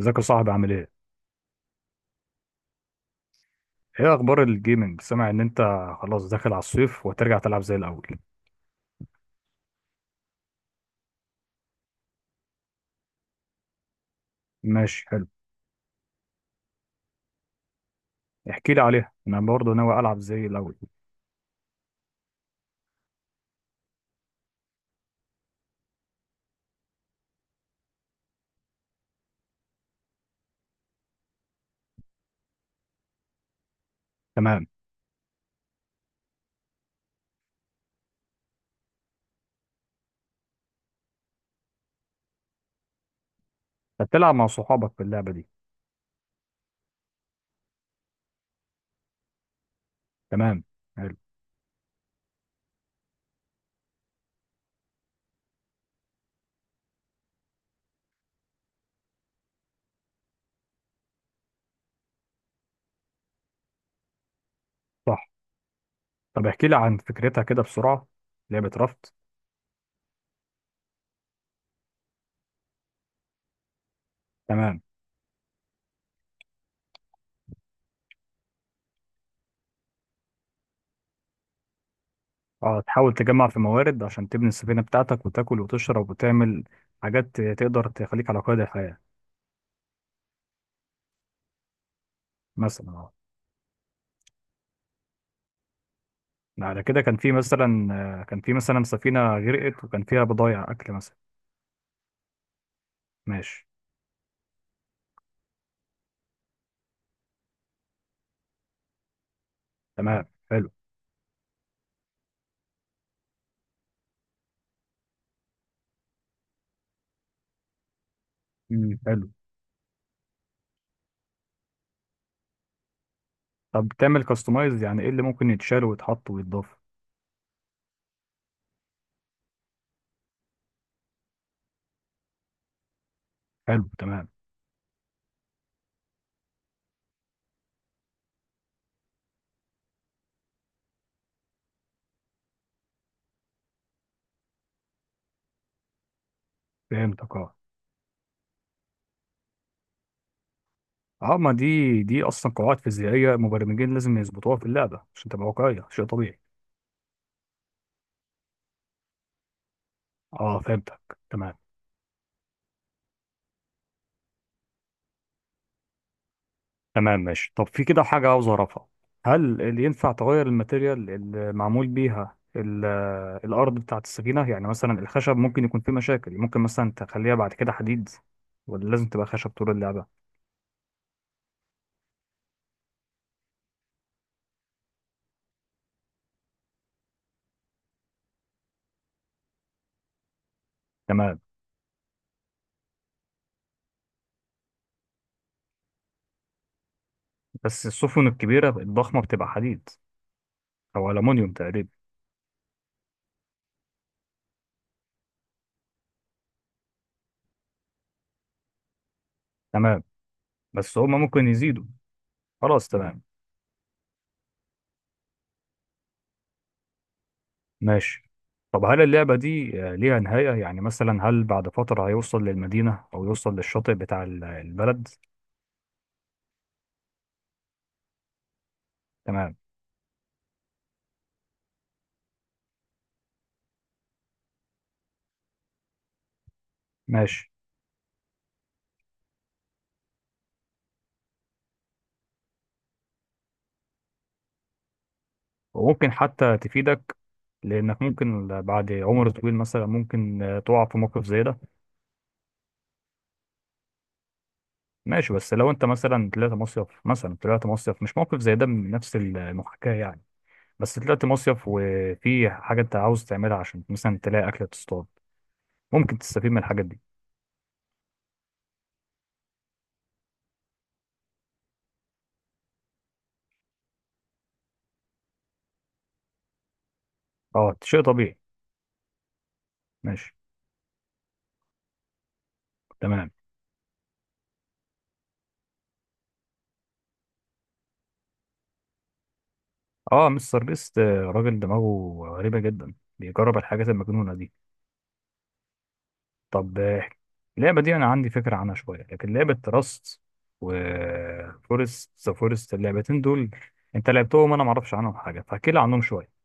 ازيك يا صاحبي عامل ايه؟ ايه اخبار الجيمنج؟ سامع ان انت خلاص داخل على الصيف وترجع تلعب زي الاول. ماشي، حلو. احكي لي عليها. انا برضه ناوي العب زي الاول. تمام. هتلعب مع صحابك في اللعبة دي. تمام. حلو. صح. طب احكي لي عن فكرتها كده بسرعة. لعبة رفض. تمام. اه، تحاول تجمع في موارد عشان تبني السفينة بتاعتك وتاكل وتشرب وتعمل حاجات تقدر تخليك على قيد الحياة. مثلا، اه. على كده كان في مثلا، كان في مثلا سفينة غرقت وكان فيها بضايع اكل مثلا. ماشي. تمام. حلو. حلو. طب تعمل كاستمايز، يعني ايه اللي ممكن يتشال ويتحط ويتضاف؟ حلو، تمام. فهمتك، اه. اه، ما دي اصلا قواعد فيزيائيه مبرمجين لازم يظبطوها في اللعبه عشان تبقى واقعيه، شيء طبيعي. اه، فهمتك، تمام. تمام، ماشي. طب في كده حاجه عاوز اعرفها. هل اللي ينفع تغير الماتيريال اللي معمول بيها الارض بتاعت السفينه، يعني مثلا الخشب ممكن يكون فيه مشاكل، ممكن مثلا تخليها بعد كده حديد، ولا لازم تبقى خشب طول اللعبه؟ تمام، بس السفن الكبيرة الضخمة بتبقى حديد أو ألمونيوم تقريبا. تمام، بس هما ممكن يزيدوا. خلاص، تمام، ماشي. طب هل اللعبة دي ليها نهاية؟ يعني مثلا هل بعد فترة هيوصل للمدينة أو يوصل للشاطئ بتاع البلد؟ تمام، ماشي. وممكن حتى تفيدك. لأنك ممكن بعد عمر طويل مثلا، ممكن تقع في موقف زي ده. ماشي، بس لو أنت مثلا طلعت مصيف، مثلا طلعت مصيف مش موقف زي ده من نفس المحاكاة يعني. بس طلعت مصيف وفي حاجة انت عاوز تعملها عشان مثلا تلاقي أكلة تصطاد، ممكن تستفيد من الحاجات دي. اه، شيء طبيعي. ماشي، تمام. اه، مستر بيست، راجل دماغه غريبة جدا، بيجرب الحاجات المجنونة دي. طب، اللعبة دي أنا عندي فكرة عنها شوية، لكن لعبة راست وفورست، ذا فورست، اللعبتين دول انت لعبتهم، أنا معرفش عنهم حاجة، فاحكي لي عنهم شوية.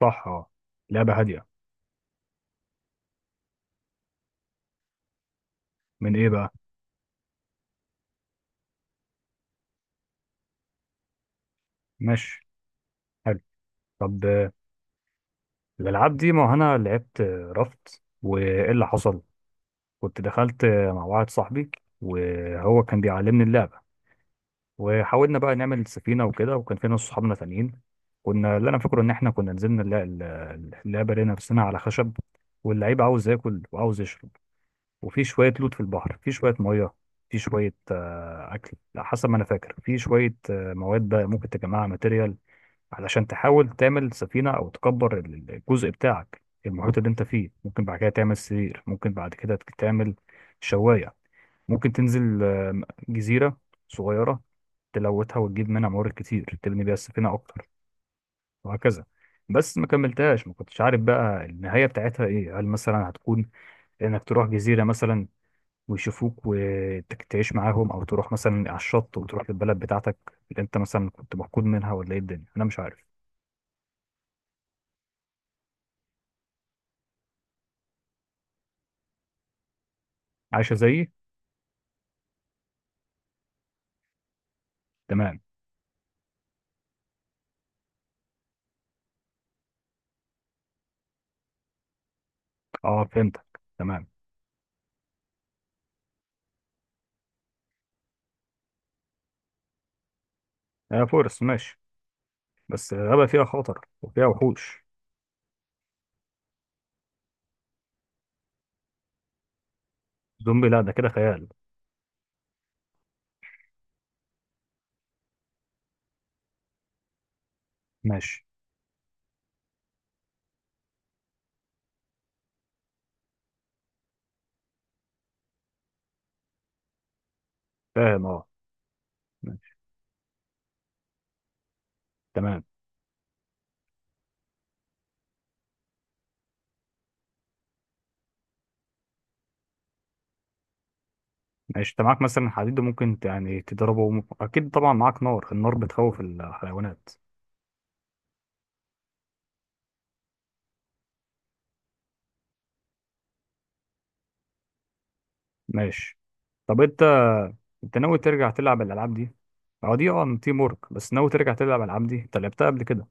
صح، اه. لعبة هادية. من ايه بقى؟ ماشي، حلو. طب الألعاب دي، ما هو أنا لعبت رفض، وإيه اللي حصل؟ كنت دخلت مع واحد صاحبي، وهو كان بيعلمني اللعبة، وحاولنا بقى نعمل سفينة وكده، وكان في ناس صحابنا تانيين. كنا، اللي أنا فاكره إن إحنا كنا نزلنا اللعبة، لقينا نفسنا على خشب، واللعيب عاوز ياكل وعاوز يشرب، وفي شوية لوت في البحر، في شوية مية، في شوية أكل، على حسب ما أنا فاكر، في شوية مواد بقى ممكن تجمعها، ماتيريال، علشان تحاول تعمل سفينة أو تكبر الجزء بتاعك، المحيط اللي أنت فيه. ممكن بعد كده تعمل سرير، ممكن بعد كده تعمل شواية، ممكن تنزل جزيرة صغيرة، تلوتها وتجيب منها موارد كتير تبني بيها السفينة أكتر، وهكذا. بس ما كملتهاش، ما كنتش عارف بقى النهاية بتاعتها إيه. هل مثلا هتكون إنك تروح جزيرة مثلا ويشوفوك وتعيش معاهم، أو تروح مثلا على الشط وتروح للبلد بتاعتك اللي أنت مثلا كنت مفقود منها، ولا إيه الدنيا؟ أنا مش عارف. عايشة زيي؟ تمام، اه، فهمتك، تمام. آه، فورس، ماشي. بس غابة فيها خطر وفيها وحوش. زومبي؟ لا، ده كده خيال. ماشي، فاهم، اه. ماشي. تمام، ماشي. انت معاك مثلا حديد، ممكن يعني تضربه، اكيد طبعا معاك نار، النار بتخوف الحيوانات. ماشي. طب انت ناوي ترجع تلعب الالعاب دي؟ اه، دي، تيم ورك. بس ناوي ترجع تلعب الالعاب دي؟ انت لعبتها قبل كده؟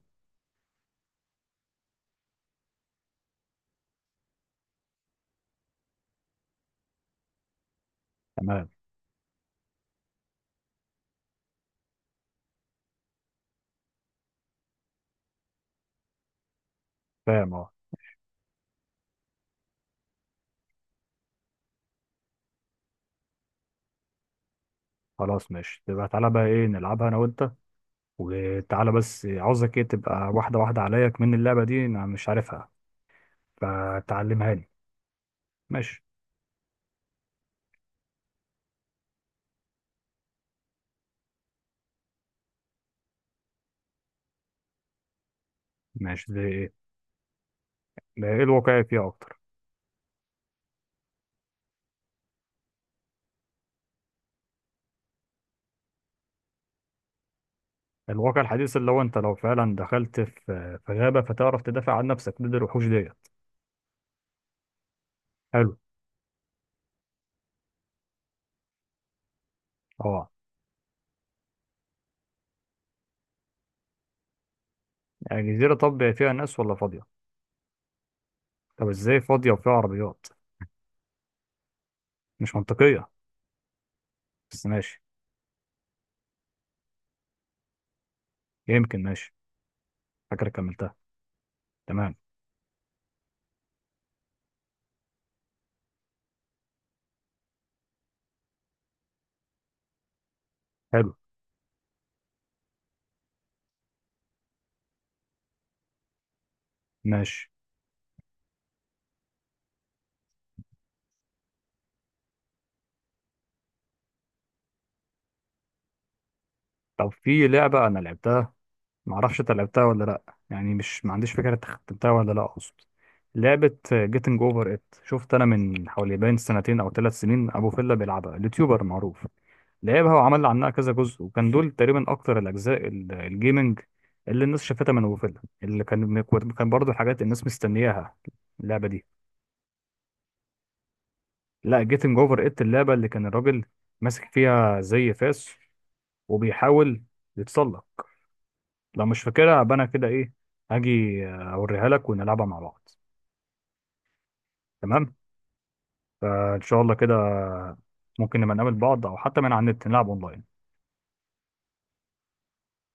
تمام، فاهم، اه. خلاص، ماشي، تبقى تعالى بقى، ايه، نلعبها انا وانت. وتعالى، بس عاوزك ايه، تبقى واحدة واحدة عليا كمان، اللعبة دي انا مش عارفها، فتعلمها لي. ماشي. ماشي دي. ده ايه الواقعي فيها اكتر؟ الواقع الحديث، اللي هو انت لو فعلا دخلت في غابة فتعرف تدافع عن نفسك ضد الوحوش ديت. حلو، اه. يعني جزيرة، طب فيها ناس ولا فاضية؟ طب ازاي فاضية وفيها عربيات؟ مش منطقية. بس ماشي، يمكن. ماشي، فاكر كملتها. تمام. حلو، ماشي. طب في لعبة انا لعبتها، ما اعرفش انت لعبتها ولا لا، يعني مش، ما عنديش فكره انت ختمتها ولا لا اقصد، لعبه جيتنج اوفر ات، شفت انا من حوالي باين سنتين او 3 سنين ابو فيلا بيلعبها، اليوتيوبر معروف. لعبها وعمل عنها كذا جزء، وكان دول تقريبا اكتر الاجزاء الجيمنج اللي الناس شافتها من ابو فيلا، اللي كان، كان برضه حاجات الناس مستنياها، اللعبه دي. لا، جيتنج اوفر ات، اللعبه اللي كان الراجل ماسك فيها زي فاس وبيحاول يتسلق. لو مش فاكرها أبقى أنا كده، إيه، هاجي أوريها لك ونلعبها مع بعض. تمام، إن شاء الله كده. ممكن نبقى نقابل بعض، أو حتى من على النت نلعب أونلاين.